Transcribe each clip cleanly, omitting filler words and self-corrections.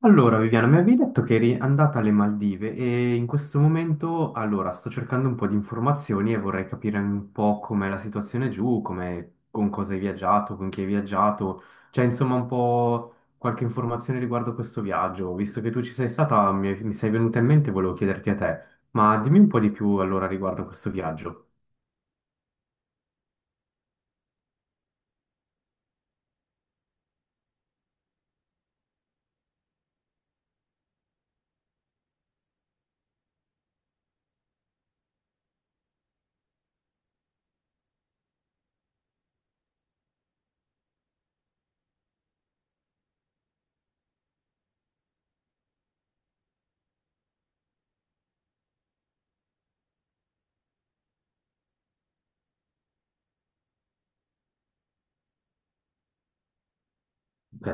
Allora, Viviana, mi avevi detto che eri andata alle Maldive e in questo momento, allora, sto cercando un po' di informazioni e vorrei capire un po' com'è la situazione giù, come, con cosa hai viaggiato, con chi hai viaggiato, cioè insomma un po' qualche informazione riguardo questo viaggio. Visto che tu ci sei stata, mi sei venuta in mente, e volevo chiederti a te, ma dimmi un po' di più allora riguardo questo viaggio, ok?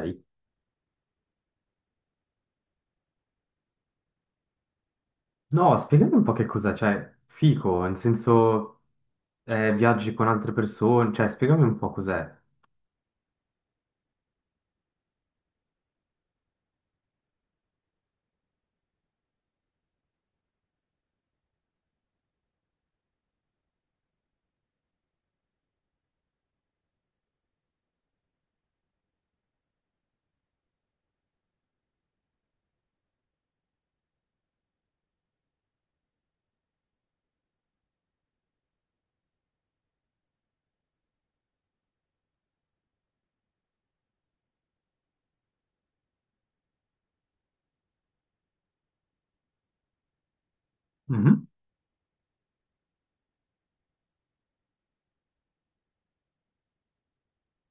No, spiegami un po' che cos'è, cioè, fico, nel senso, viaggi con altre persone, cioè, spiegami un po' cos'è. Mhm.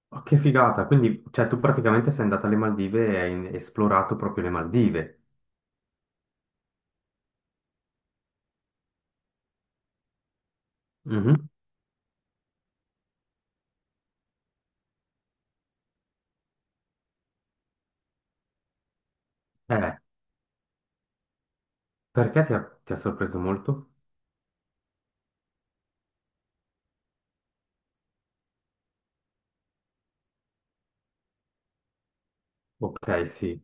Ma che figata, quindi cioè, tu praticamente sei andata alle Maldive e hai esplorato proprio le Maldive. Mhm. Eh, perché ti ha sorpreso molto? Ok, sì.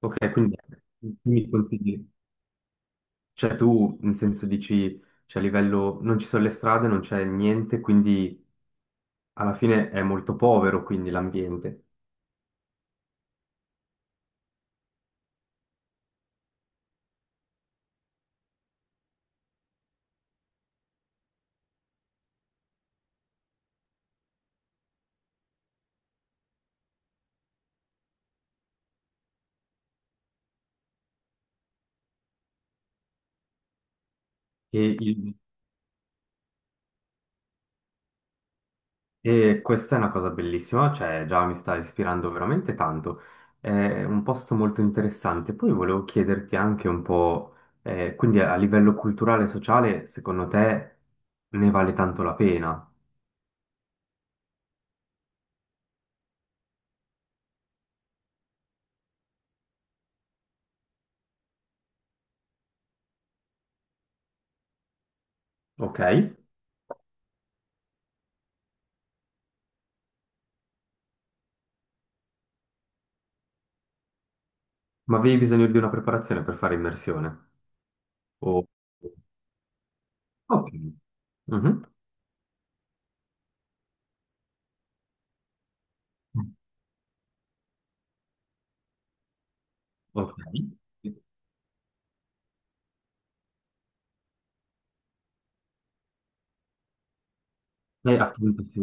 Ok, quindi mm, mi consigli. Cioè tu in senso dici, cioè a livello, non ci sono le strade, non c'è niente, quindi alla fine è molto povero quindi l'ambiente. E il- E questa è una cosa bellissima, cioè già mi sta ispirando veramente tanto. È un posto molto interessante. Poi volevo chiederti anche un po', quindi a livello culturale e sociale, secondo te ne vale tanto la pena? Ok? Ma avevi bisogno di una preparazione per fare immersione? O- Ok. Mhm. Ok. E appunto sì.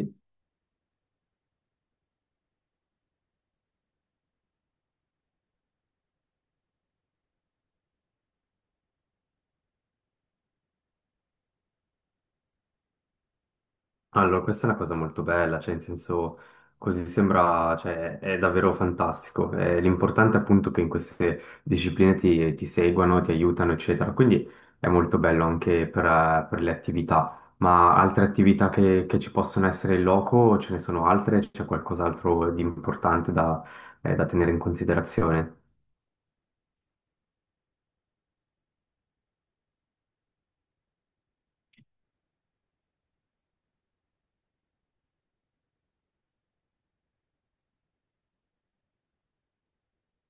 Allora, questa è una cosa molto bella, cioè in senso così sembra, cioè è davvero fantastico. L'importante è appunto che in queste discipline ti seguano, ti aiutano, eccetera. Quindi è molto bello anche per le attività. Ma altre attività che ci possono essere in loco, ce ne sono altre? C'è qualcos'altro di importante da, da tenere in considerazione?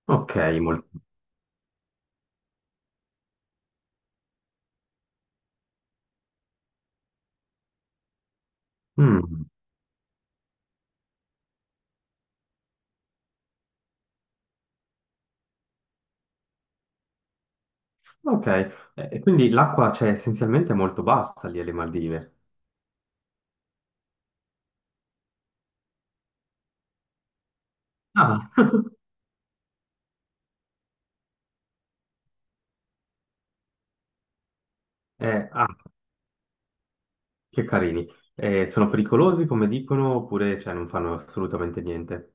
Ok, molto. Mm, ok. Quindi l'acqua, cioè, essenzialmente è molto bassa lì alle Maldive. Ah, ah. Che carini. Sono pericolosi, come dicono, oppure cioè, non fanno assolutamente niente?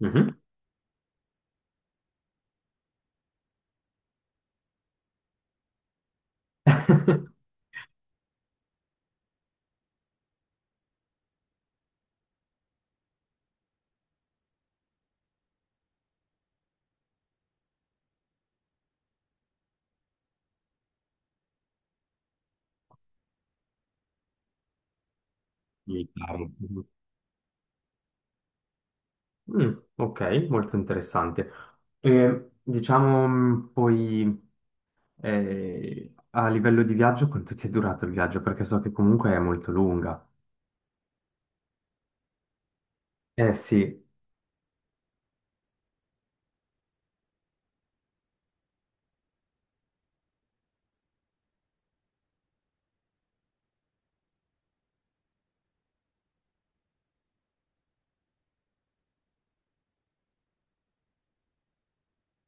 Mhm. Militari. Mhm. Mm, ok, molto interessante. E, diciamo, poi a livello di viaggio, quanto ti è durato il viaggio? Perché so che comunque è molto lunga. Eh sì,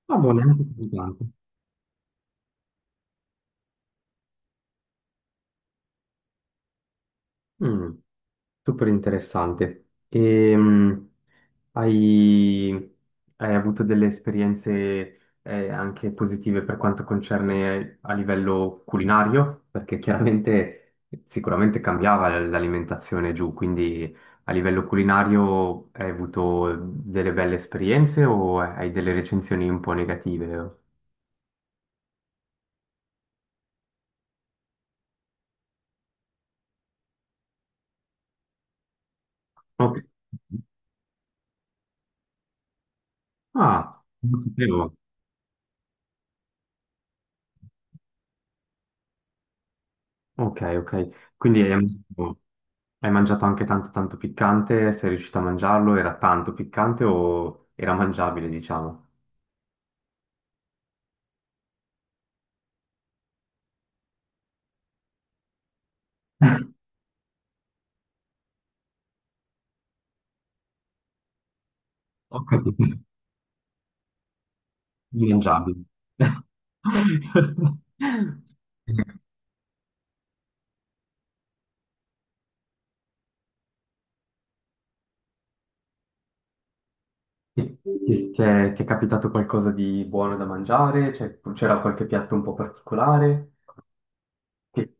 ma buono, neanche così tanto. Mm. Super interessante. E, hai, hai avuto delle esperienze anche positive per quanto concerne a livello culinario? Perché chiaramente sicuramente cambiava l'alimentazione giù, quindi a livello culinario hai avuto delle belle esperienze o hai delle recensioni un po' negative? Ok. Ah, non lo sapevo. Ok, ok. Quindi è... Hai mangiato anche tanto tanto piccante? Sei riuscito a mangiarlo? Era tanto piccante o era mangiabile, diciamo? Ho capito, mangiabile. Ti è capitato qualcosa di buono da mangiare? Cioè, c'era qualche piatto un po' particolare? Che-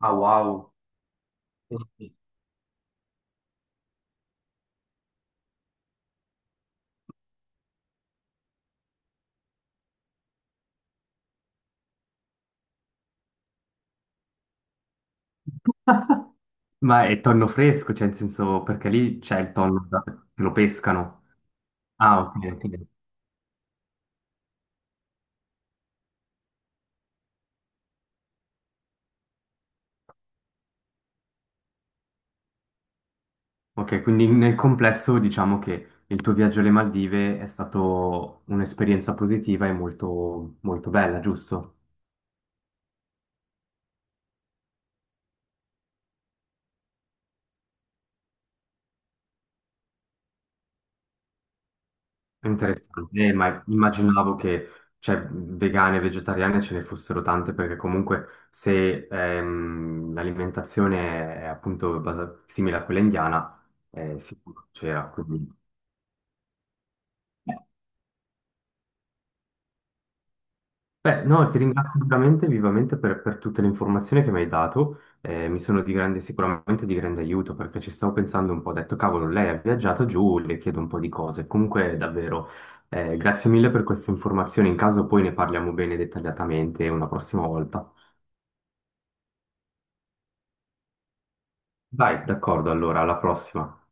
Ah, wow! Ma è tonno fresco, cioè, in senso, perché lì c'è il tonno che lo pescano. Ah, ok, ok. Ok, quindi nel complesso diciamo che il tuo viaggio alle Maldive è stato un'esperienza positiva e molto, molto bella, giusto? Interessante, ma immaginavo che cioè, vegane e vegetariane ce ne fossero tante perché comunque se l'alimentazione è appunto simile a quella indiana, sicuro c'era, quindi... Beh, no, ti ringrazio veramente vivamente per tutte le informazioni che mi hai dato, mi sono di grande, sicuramente di grande aiuto perché ci stavo pensando un po', ho detto cavolo, lei ha viaggiato giù, le chiedo un po' di cose, comunque davvero grazie mille per queste informazioni, in caso poi ne parliamo bene dettagliatamente una prossima volta. Dai, d'accordo, allora, alla prossima.